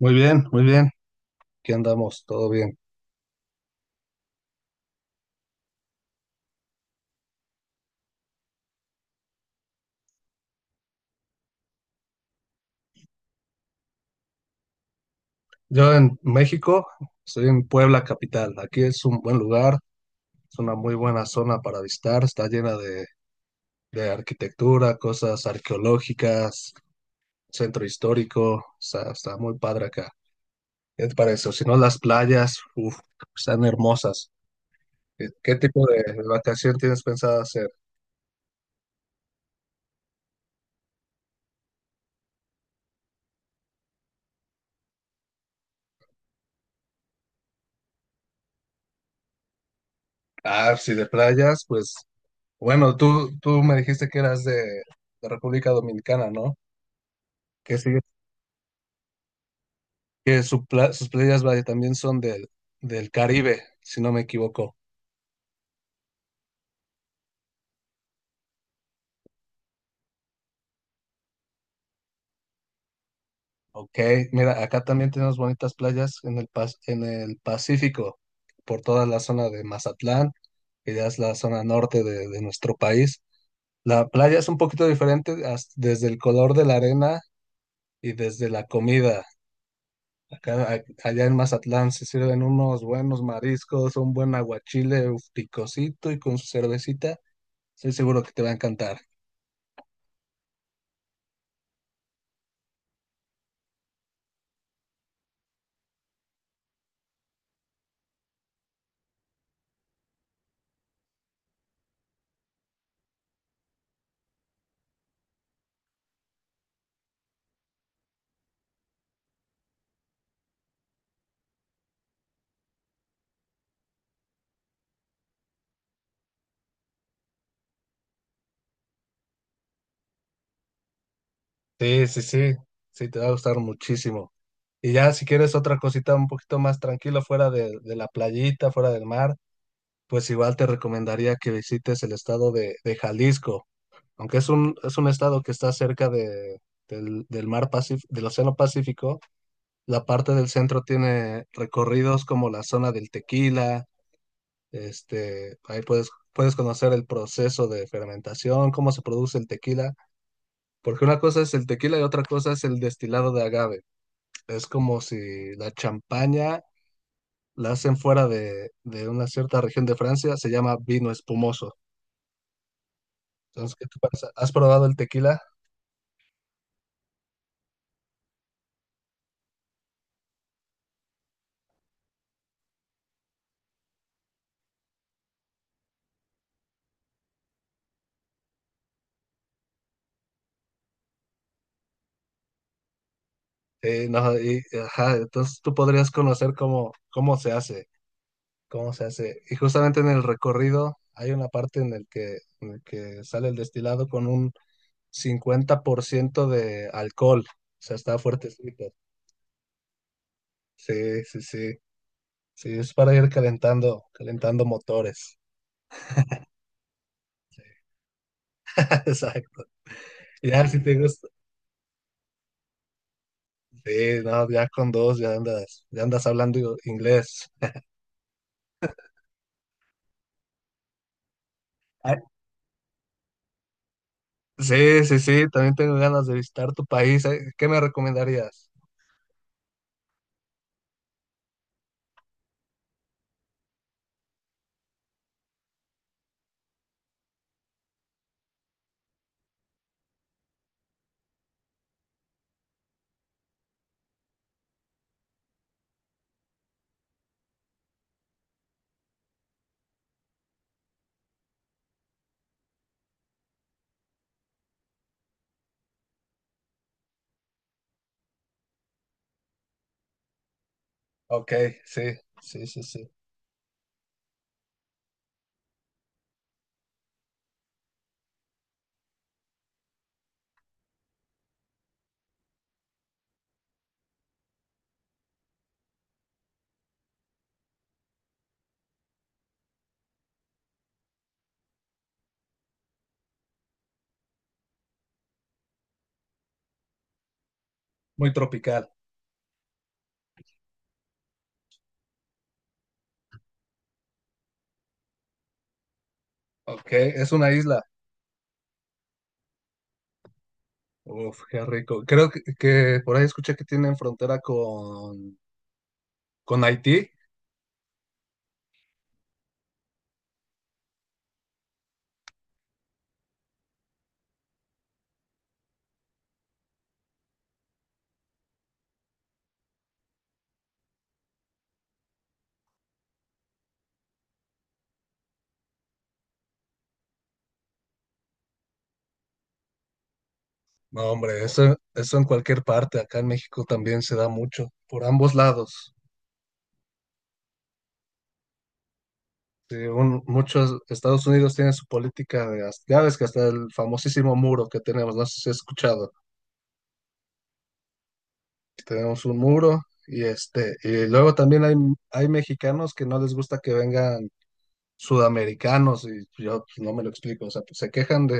Muy bien, muy bien. Aquí andamos, todo bien. Yo en México, estoy en Puebla capital. Aquí es un buen lugar, es una muy buena zona para visitar. Está llena de arquitectura, cosas arqueológicas, centro histórico. Está muy padre acá. ¿Qué te parece? O si no, las playas, uf, están hermosas. ¿Qué tipo de vacación tienes pensado hacer? Ah, si de playas, pues bueno, tú me dijiste que eras de República Dominicana, ¿no? ¿Qué sigue que su sus playas vaya, también son del Caribe, si no me equivoco. Ok, mira, acá también tenemos bonitas playas en el Pacífico, por toda la zona de Mazatlán, que ya es la zona norte de nuestro país. La playa es un poquito diferente desde el color de la arena y desde la comida. Acá, a- allá en Mazatlán se sirven unos buenos mariscos, un buen aguachile, uf, picosito y con su cervecita. Estoy seguro que te va a encantar. Sí, sí, sí, sí, te va a gustar muchísimo. Y ya si quieres otra cosita un poquito más tranquila fuera de la playita, fuera del mar, pues igual te recomendaría que visites el estado de Jalisco, aunque es un estado que está cerca del mar Pacífico, del Océano Pacífico. La parte del centro tiene recorridos como la zona del tequila. Ahí puedes conocer el proceso de fermentación, cómo se produce el tequila, porque una cosa es el tequila y otra cosa es el destilado de agave. Es como si la champaña la hacen fuera de una cierta región de Francia, se llama vino espumoso. Entonces, ¿qué te parece? ¿Has probado el tequila? No, ajá, entonces tú podrías conocer cómo, cómo se hace, cómo se hace. Y justamente en el recorrido hay una parte en el que sale el destilado con un 50% de alcohol. O sea, está fuertecito. Sí, sí, sí. Sí, es para ir calentando, calentando motores. Exacto. Ya, si te gusta. Sí, no, ya con dos ya andas hablando inglés. Ah, sí, sí, sí, también tengo ganas de visitar tu país, ¿eh? ¿Qué me recomendarías? Ok, sí, sí, sí, sí. Muy tropical. Ok, es una isla. Uf, qué rico. Creo que, por ahí escuché que tienen frontera con Haití. No, hombre, eso en cualquier parte, acá en México también se da mucho, por ambos lados. Según muchos, Estados Unidos tiene su política de, ya ves que hasta el famosísimo muro que tenemos, no sé si has escuchado. Tenemos un muro y, y luego también hay mexicanos que no les gusta que vengan sudamericanos, y yo pues no me lo explico, o sea, pues, se quejan de,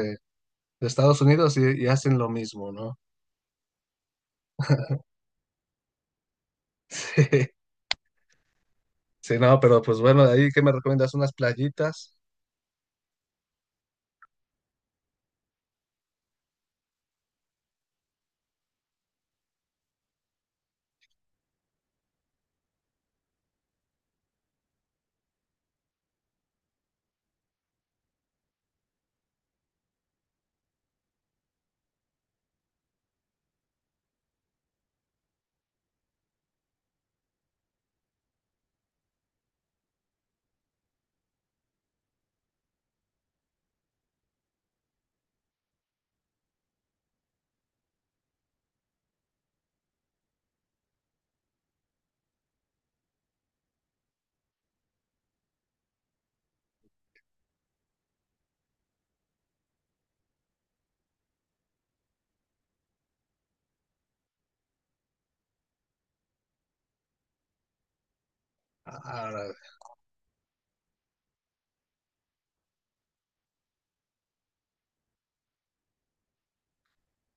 de Estados Unidos y hacen lo mismo, ¿no? Sí, sí, no, pero pues bueno, ahí que me recomiendas unas playitas. Ahora,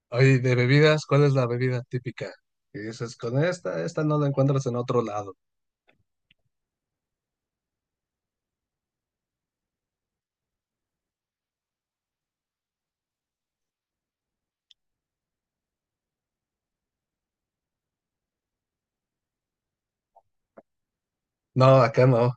oye, de bebidas, ¿cuál es la bebida típica? Y dices, con esta no la encuentras en otro lado. No, acá no.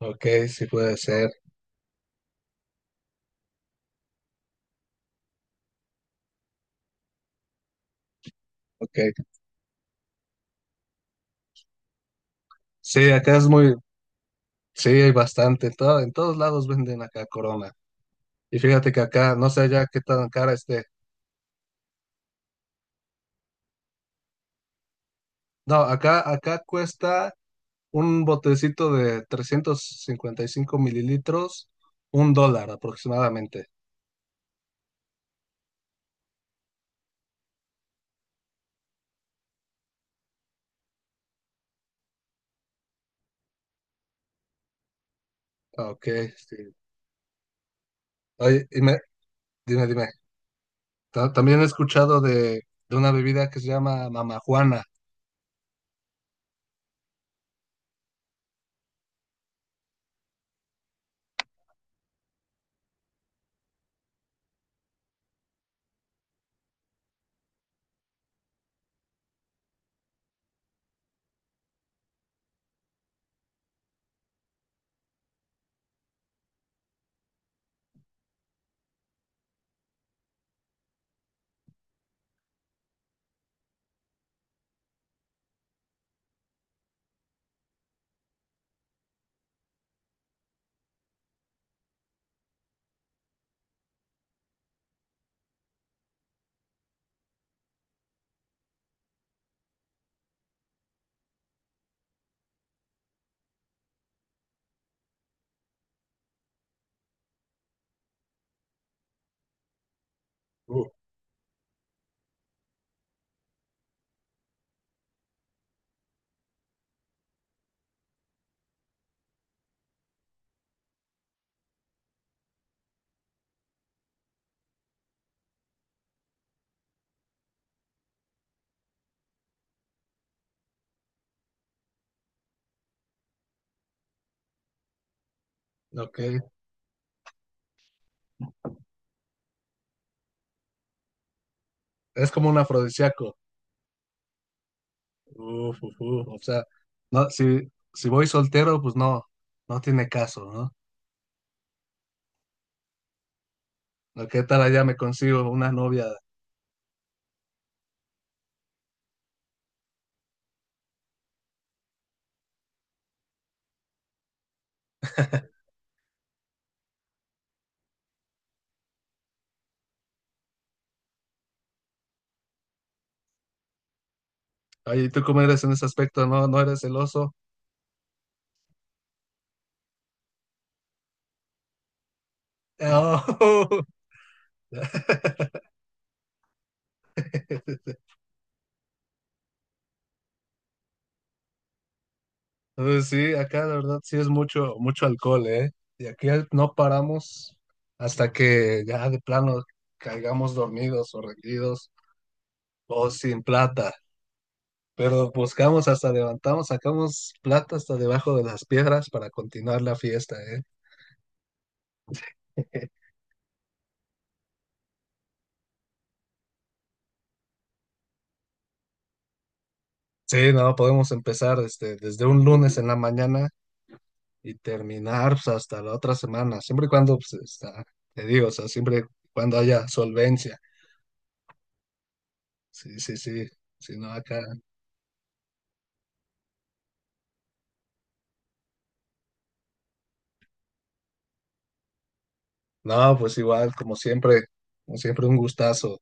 Ok, sí puede ser. Ok. Sí, acá es muy, sí, hay bastante. En todos lados venden acá Corona. Y fíjate que acá, no sé ya qué tan cara esté. No, acá cuesta un botecito de 355 ml, $1 aproximadamente. Ok, sí. Oye, dime. También he escuchado de una bebida que se llama Mamajuana. Uh, ok. Es como un afrodisíaco. Uf, uf, uf. O sea, no, si voy soltero, pues no, no tiene caso, ¿no? ¿No? ¿Qué tal allá me consigo una novia? Oye, ¿y tú cómo eres en ese aspecto? ¿No, no eres celoso? Oh. Entonces, sí, acá la verdad sí es mucho, mucho alcohol, ¿eh? Y aquí no paramos hasta que ya de plano caigamos dormidos o rendidos o sin plata. Pero buscamos, hasta levantamos, sacamos plata hasta debajo de las piedras para continuar la fiesta, ¿eh? Sí, no, podemos empezar, desde un lunes en la mañana, y terminar pues hasta la otra semana, siempre y cuando pues te digo, o sea, siempre y cuando haya solvencia. Sí, sí, sí, si no acá. No, pues igual, como siempre un gustazo.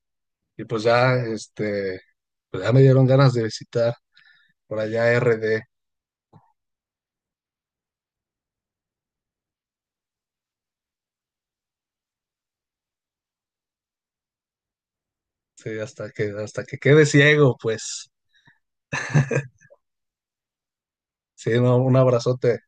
Y pues ya, pues ya me dieron ganas de visitar por allá RD, sí, hasta que quede ciego, pues. Sí, no, un abrazote.